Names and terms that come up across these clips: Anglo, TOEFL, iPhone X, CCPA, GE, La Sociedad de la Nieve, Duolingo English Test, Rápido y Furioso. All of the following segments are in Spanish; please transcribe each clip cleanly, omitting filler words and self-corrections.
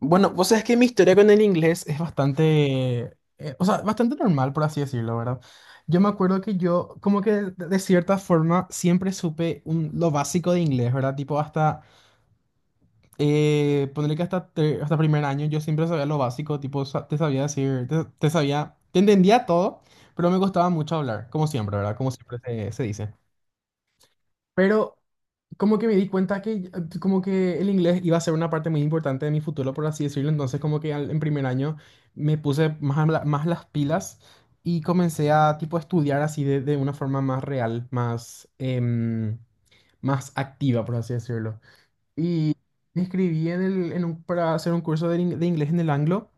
Bueno, pues es que mi historia con el inglés es bastante, o sea, bastante normal, por así decirlo, ¿verdad? Yo me acuerdo que yo, como que de cierta forma, siempre supe lo básico de inglés, ¿verdad? Tipo, hasta, ponerle que hasta primer año, yo siempre sabía lo básico, tipo, te sabía decir, te sabía, te entendía todo, pero me costaba mucho hablar, como siempre, ¿verdad? Como siempre se dice. Pero como que me di cuenta que como que el inglés iba a ser una parte muy importante de mi futuro, por así decirlo. Entonces como que en primer año me puse más, más las pilas y comencé a tipo estudiar así de una forma más real, más, más activa, por así decirlo. Y me inscribí en el, en un- para hacer un curso de inglés en el Anglo,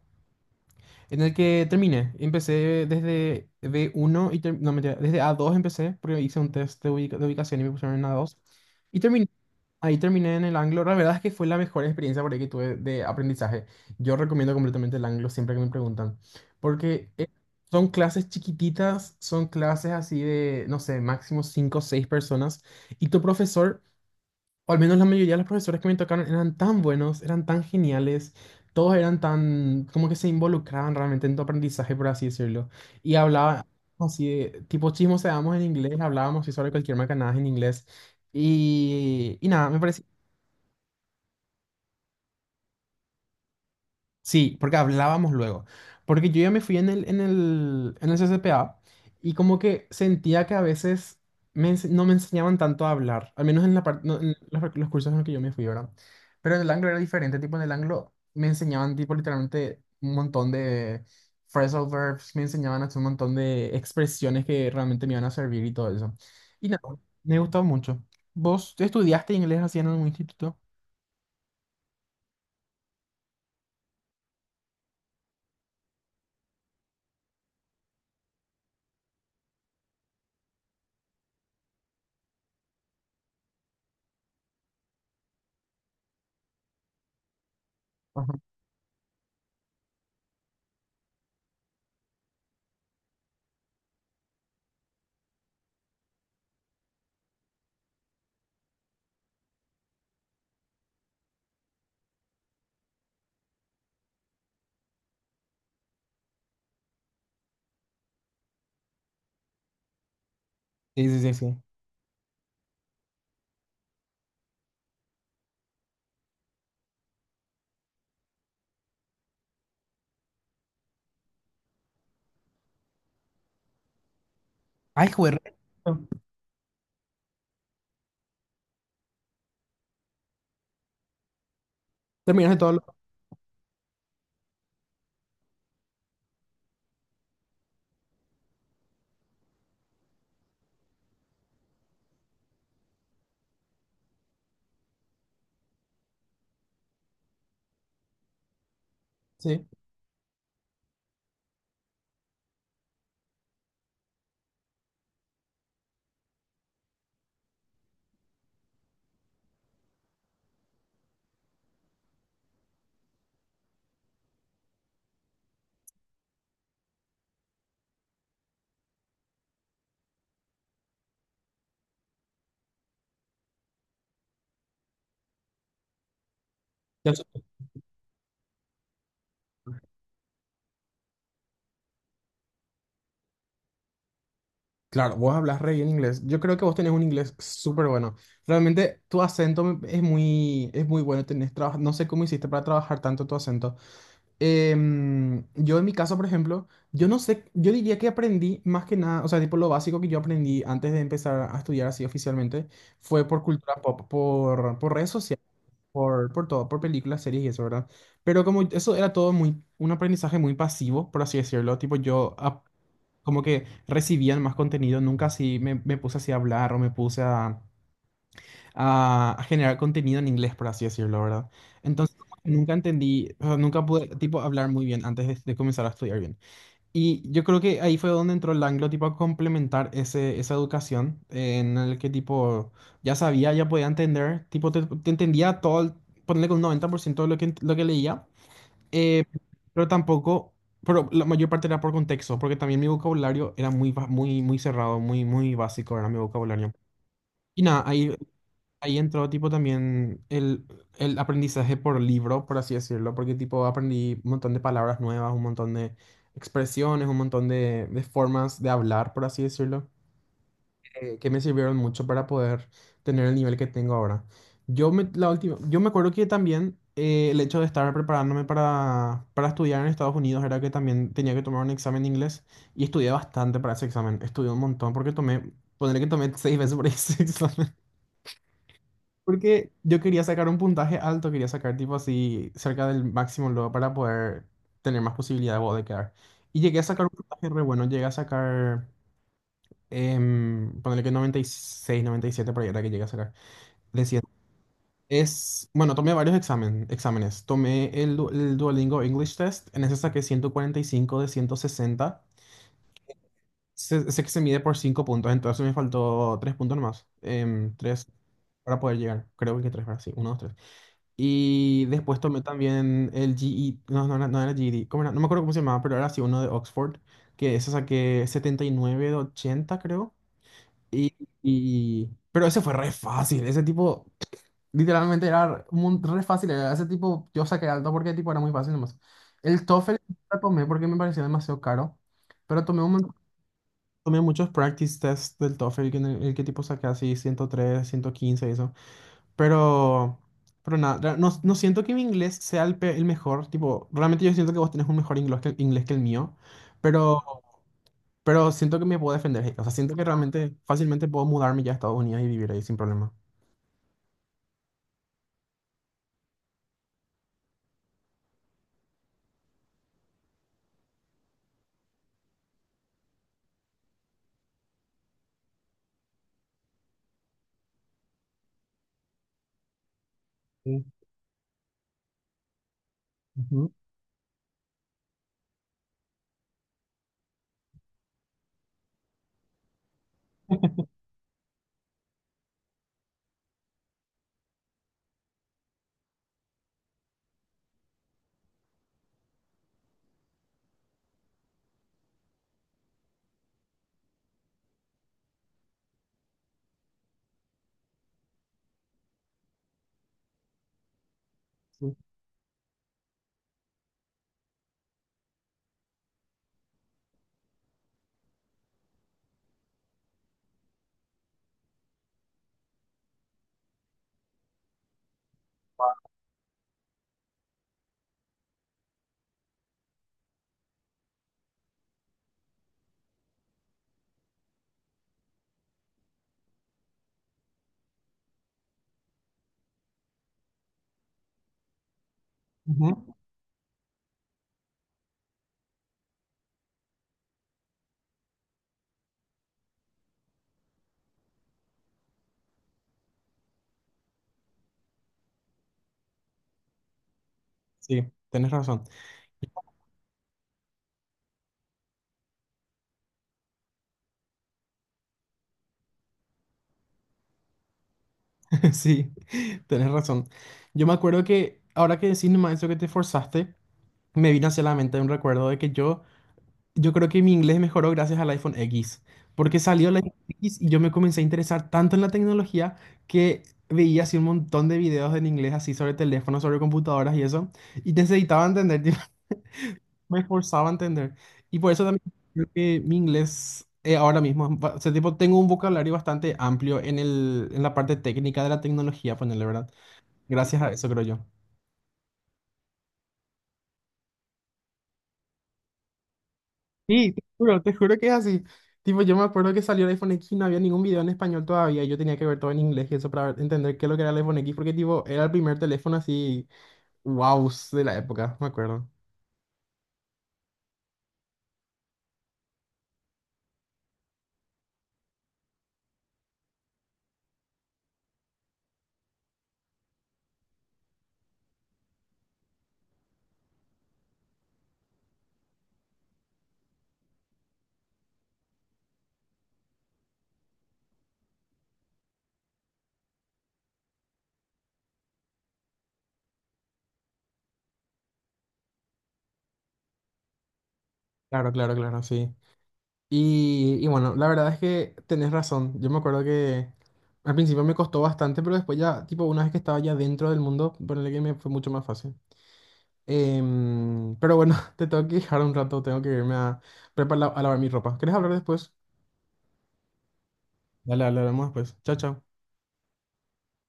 en el que terminé. Empecé desde B1 y no, mentira, desde A2 empecé, porque hice un test de ubicación y me pusieron en A2. Y terminé Ahí terminé en el Anglo. La verdad es que fue la mejor experiencia por ahí que tuve de aprendizaje. Yo recomiendo completamente el Anglo siempre que me preguntan. Porque son clases chiquititas, son clases así de, no sé, máximo 5 o 6 personas. Y tu profesor, o al menos la mayoría de los profesores que me tocaron, eran tan buenos, eran tan geniales. Todos eran tan, como que se involucraban realmente en tu aprendizaje, por así decirlo. Y hablaban así de, tipo chismoseábamos en inglés, hablábamos así sobre cualquier macanada en inglés. Y nada, me pareció. Sí, porque hablábamos luego. Porque yo ya me fui en el CCPA y como que sentía que a veces no me enseñaban tanto a hablar, al menos no, en los cursos en los que yo me fui, ¿verdad? Pero en el Anglo era diferente, tipo en el Anglo me enseñaban tipo literalmente un montón de phrasal verbs, me enseñaban hasta un montón de expresiones que realmente me iban a servir y todo eso. Y nada, me gustó mucho. ¿Vos estudiaste inglés así en algún instituto? Ajá. Sí, sí, sí, sí. Ay, joder. Terminaste todo lo... Sí. Ya sé. Claro, vos hablas re bien inglés. Yo creo que vos tenés un inglés súper bueno. Realmente tu acento es muy bueno. No sé cómo hiciste para trabajar tanto tu acento. Yo en mi caso, por ejemplo, yo no sé, yo diría que aprendí más que nada, o sea, tipo lo básico que yo aprendí antes de empezar a estudiar así oficialmente fue por cultura pop, por redes sociales, por todo, por películas, series y eso, ¿verdad? Pero como eso era todo muy, un aprendizaje muy pasivo, por así decirlo, tipo como que recibía más contenido, nunca así me puse así a hablar o me puse a generar contenido en inglés, por así decirlo, ¿verdad? Entonces, nunca entendí, o sea, nunca pude, tipo, hablar muy bien antes de comenzar a estudiar bien. Y yo creo que ahí fue donde entró el anglo, tipo, a complementar ese, esa educación en el que, tipo, ya sabía, ya podía entender, tipo, te entendía todo, ponerle con un 90% de lo que leía, eh, pero tampoco... Pero la mayor parte era por contexto, porque también mi vocabulario era muy, muy, muy cerrado, muy, muy básico, era mi vocabulario. Y nada, ahí entró tipo también el aprendizaje por libro, por así decirlo, porque tipo aprendí un montón de palabras nuevas, un montón de expresiones, un montón de formas de hablar, por así decirlo, que me sirvieron mucho para poder tener el nivel que tengo ahora. La última, yo me acuerdo que también el hecho de estar preparándome para estudiar en Estados Unidos era que también tenía que tomar un examen de inglés y estudié bastante para ese examen, estudié un montón porque ponerle que tomé 6 veces por ese examen. Porque yo quería sacar un puntaje alto, quería sacar tipo así cerca del máximo luego para poder tener más posibilidad de vos de quedar. Y llegué a sacar un puntaje re bueno, llegué a sacar, ponele que 96, 97 por ahí era que llegué a sacar. De 100. Es, bueno, tomé varios examen, exámenes. Tomé el Duolingo English Test, en ese saqué 145 de 160. Sé que se mide por 5 puntos, entonces me faltó 3 puntos nomás. Tres para poder llegar, creo que 3, sí, uno 2, 3. Y después tomé también el no, no, no era GED. ¿Cómo era? No me acuerdo cómo se llamaba, pero era así uno de Oxford, que eso saqué 79 de 80, creo. Y, pero ese fue re fácil, ese tipo, literalmente era re fácil, era ese tipo, yo saqué alto porque tipo era muy fácil nomás. El TOEFL lo tomé porque me parecía demasiado caro, pero tomé muchos practice tests del TOEFL, que en el que tipo saqué así 103, 115 y eso. Pero, pero nada, no, no siento que mi inglés sea el mejor, tipo, realmente yo siento que vos tenés un mejor inglés que el mío, pero, siento que me puedo defender, o sea, siento que realmente fácilmente puedo mudarme ya a Estados Unidos y vivir ahí sin problema. Sí, ujú, sí. Ujú. Sí, tenés razón. Sí, tenés razón. Yo me acuerdo que ahora que decís nomás eso que te forzaste, me vino hacia la mente un recuerdo de que yo. Creo que mi inglés mejoró gracias al iPhone X, porque salió el iPhone X y yo me comencé a interesar tanto en la tecnología, que veía así un montón de videos en inglés así sobre teléfonos, sobre computadoras y eso, y necesitaba entender, tipo, me esforzaba a entender. Y por eso también creo que mi inglés ahora mismo, es o sea, tipo, tengo un vocabulario bastante amplio en el, en la parte técnica de la tecnología, ponerle, ¿verdad? Gracias a eso, creo yo. Sí, te juro que es así. Tipo, yo me acuerdo que salió el iPhone X y no había ningún video en español todavía. Y yo tenía que ver todo en inglés y eso para entender qué es lo que era el iPhone X, porque tipo, era el primer teléfono así, wow, de la época, me acuerdo. Claro, claro, claro, sí. Y bueno, la verdad es que tenés razón. Yo me acuerdo que al principio me costó bastante, pero después ya, tipo, una vez que estaba ya dentro del mundo, ponerle que me fue mucho más fácil. Pero bueno, te tengo que dejar un rato, tengo que irme a preparar, a lavar mi ropa. ¿Querés hablar después? Dale, dale, hablamos después. Chao, chao.